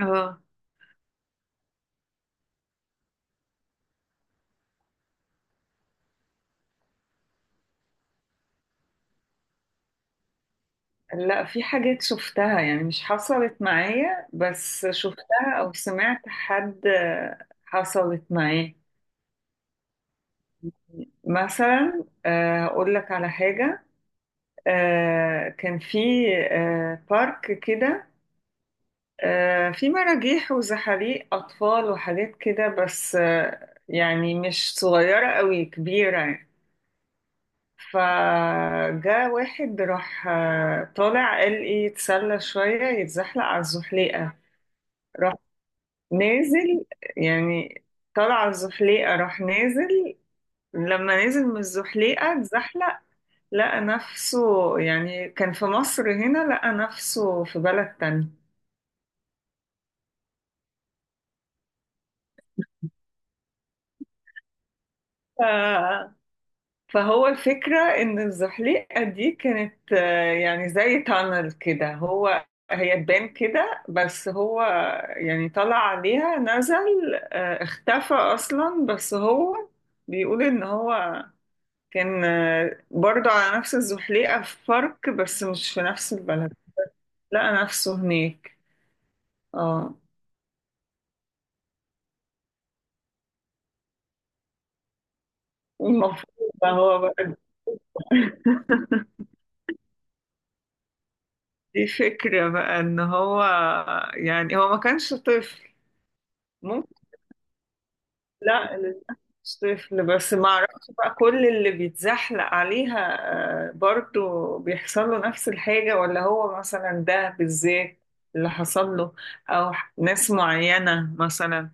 اه، لا، في حاجات شفتها يعني مش حصلت معايا، بس شفتها او سمعت حد حصلت معاه. مثلا اقول لك على حاجة. كان في بارك كده. في مراجيح وزحاليق اطفال وحاجات كده، بس يعني مش صغيرة قوي، كبيرة يعني. فجاء واحد راح طالع، قال ايه، يتسلى شوية يتزحلق على الزحليقة. نازل يعني، طلع الزحليقة راح نازل. لما نزل من الزحليقة اتزحلق، لقى نفسه يعني كان في مصر هنا، لقى نفسه في بلد تاني. ف... فهو الفكرة إن الزحليقة دي كانت يعني زي تانل كده، هو هي تبان كده، بس هو يعني طلع عليها، نزل اختفى أصلا، بس هو بيقول إن هو كان برضو على نفس الزحليقة، في فرق بس مش في نفس البلد. لقى نفسه هناك. اه. المفروض. بقى هو بقى دي فكرة بقى ان هو يعني هو ما كانش طفل. ممكن. لا، للأسف مش طفل، بس ما اعرفش بقى كل اللي بيتزحلق عليها برضو بيحصل له نفس الحاجة، ولا هو مثلا ده بالذات اللي حصل له، او ناس معينة مثلا.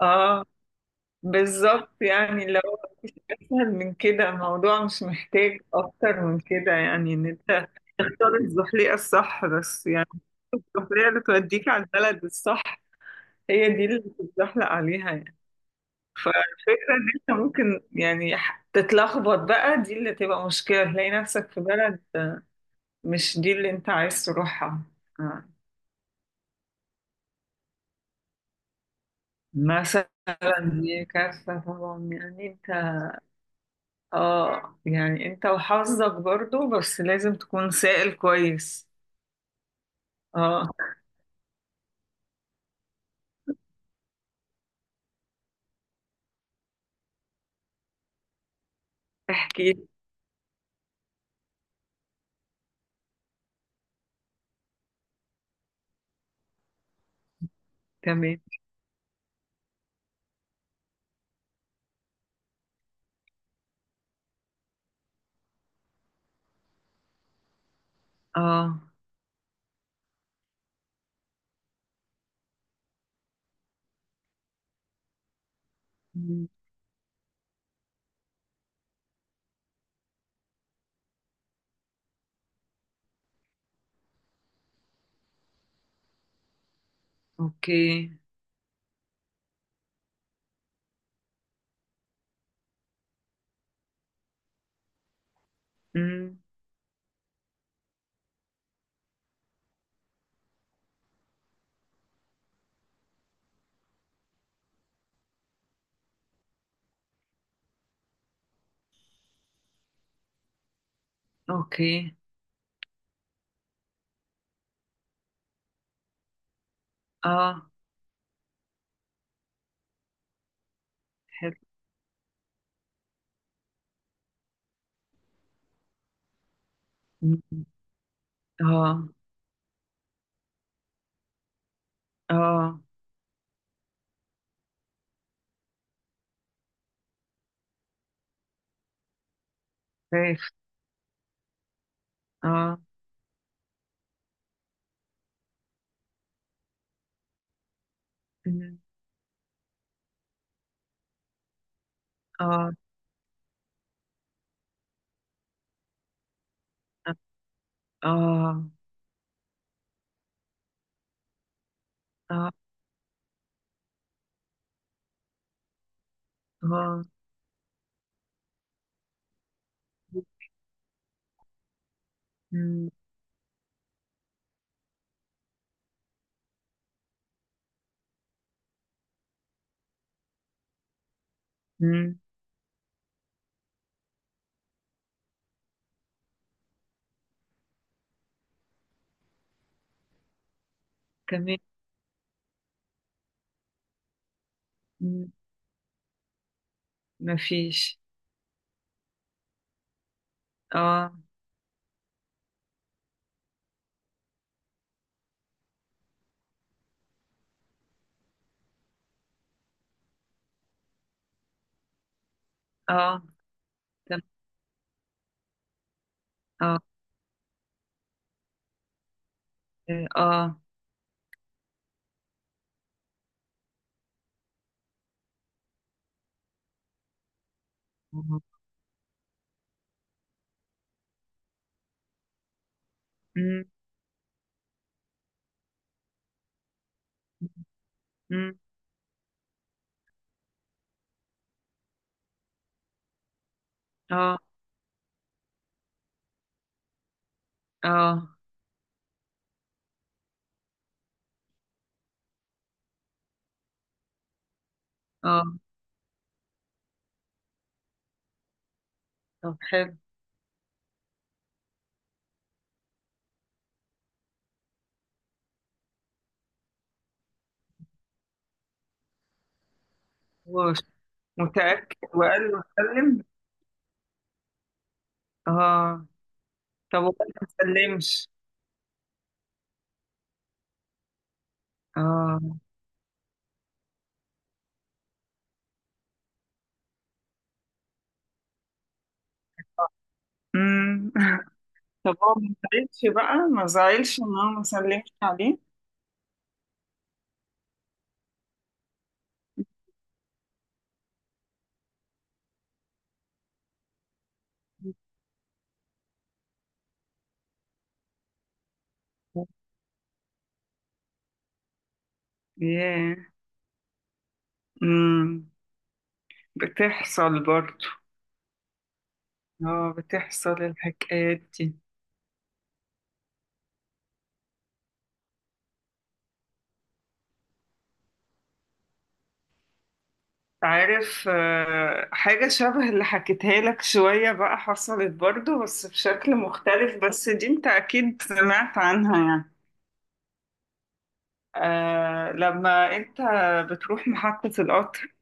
اه، بالظبط. يعني لو مفيش أسهل من كده، الموضوع مش محتاج أكتر من كده، يعني إن أنت تختار الزحليقة الصح، بس يعني الزحليقة اللي توديك على البلد الصح، هي دي اللي بتتزحلق عليها يعني. فالفكرة إن أنت ممكن يعني تتلخبط بقى، دي اللي تبقى مشكلة، تلاقي نفسك في بلد مش دي اللي أنت عايز تروحها. آه. مثلا، دي كارثة طبعا يعني أنت. اه، يعني انت وحظك برضو، بس لازم تكون سائل كويس. اه. احكي. تمام. اه. مم. اوكي. مم. اوكي. اه. حلو. مم. اه. اه. خايف. اه. مم. اه. اه. اه. اه. مم. مم. تمام. مم. مفيش. اه. اه. تم- اه. اه. اه. مم. مم. اه. اه. اه. طب حلو. هو متأكد وقال له سلم؟ اه. طب وقال له ما سلمش؟ اه. امم. طب هو ما زعلش بقى، ما زعلش ان هو ما سلمش عليه؟ ياه. امم بتحصل برضه. اه، بتحصل الحكايات دي. عارف حاجة شبه اللي حكيتها لك شوية بقى، حصلت برضه بس بشكل مختلف، بس دي انت اكيد سمعت عنها يعني. لما انت بتروح محطة القطر،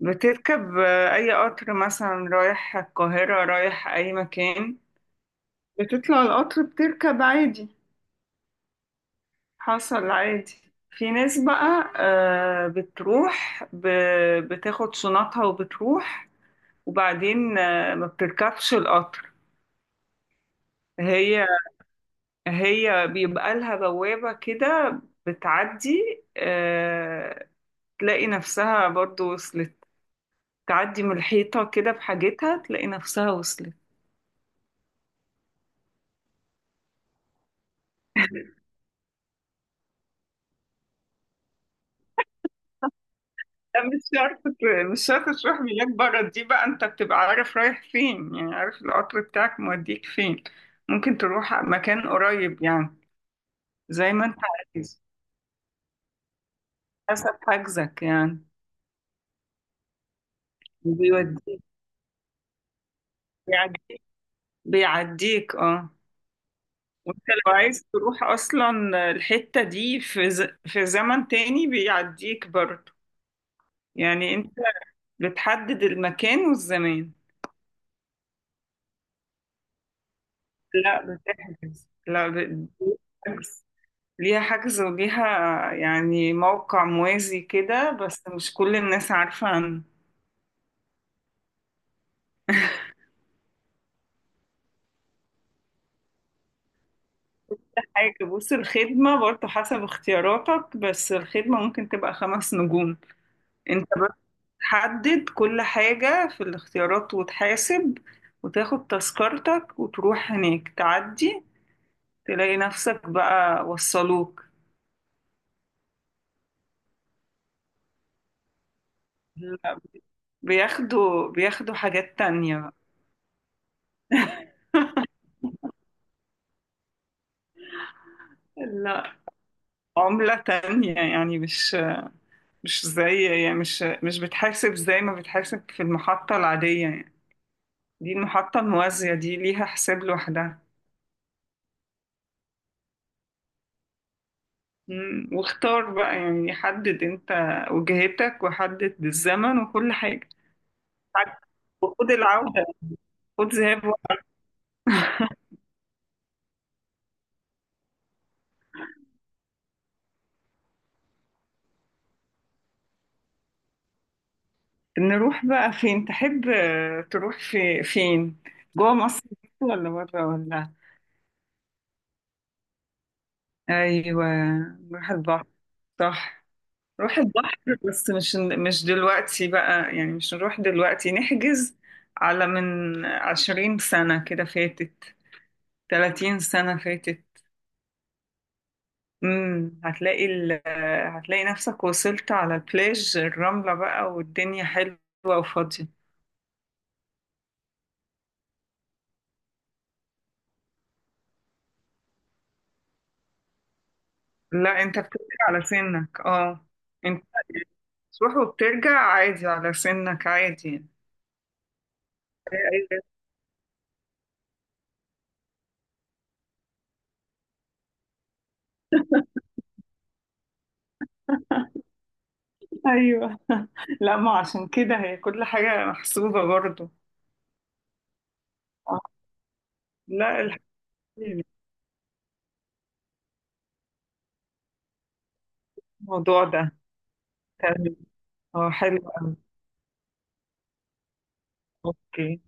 بتركب أي قطر، مثلا رايح القاهرة رايح أي مكان، بتطلع القطر، بتركب عادي. حصل عادي. في ناس بقى بتروح بتاخد شنطها وبتروح، وبعدين ما بتركبش القطر. هي هي بيبقى لها بوابة كده، بتعدي آه، تلاقي نفسها برضو وصلت. تعدي من الحيطة كده بحاجتها، تلاقي نفسها وصلت. لا، مش شرط مش شرط تروح ملاك بره. دي بقى انت بتبقى عارف رايح فين، يعني عارف القطر بتاعك موديك فين. ممكن تروح مكان قريب يعني، زي ما انت عايز. حسب حجزك يعني. بيوديك. بيعديك, بيعديك. اه. وانت لو عايز تروح اصلا الحتة دي في في زمن تاني بيعديك برضه. يعني انت بتحدد المكان والزمان. لا لا، بتحجز. ليها حجز، وليها يعني موقع موازي كده، بس مش كل الناس عارفة عن حاجة. بص، الخدمة برضه حسب اختياراتك، بس الخدمة ممكن تبقى 5 نجوم. انت بس تحدد كل حاجة في الاختيارات، وتحاسب وتاخد تذكرتك، وتروح هناك تعدي تلاقي نفسك بقى، وصلوك. لا، بياخدوا حاجات تانية بقى. لا، عملة تانية يعني، مش زي، يعني مش بتحاسب زي ما بتحاسب في المحطة العادية يعني. دي المحطة الموازية دي ليها حساب لوحدها. مم، واختار بقى، يعني حدد انت وجهتك وحدد الزمن وكل حاجة. وخد العودة. خد ذهاب وعودة. نروح بقى فين، تحب تروح في فين؟ جوه مصر ولا بره ولا؟ ايوه، نروح البحر. صح. نروح البحر. بس مش دلوقتي بقى، يعني مش نروح دلوقتي، نحجز على من 20 سنة كده فاتت، 30 سنة فاتت. هتلاقي هتلاقي نفسك وصلت على البلاج الرملة بقى، والدنيا حلوة وفاضية. لا، انت بترجع على سنك، اه. انت تروح وبترجع عادي على سنك عادي يعني. ايوه. لا، ما عشان كده هي كل حاجة محسوبة برضو. لا، الحمد الموضوع ده تمام. اه، حلو قوي. اوكي.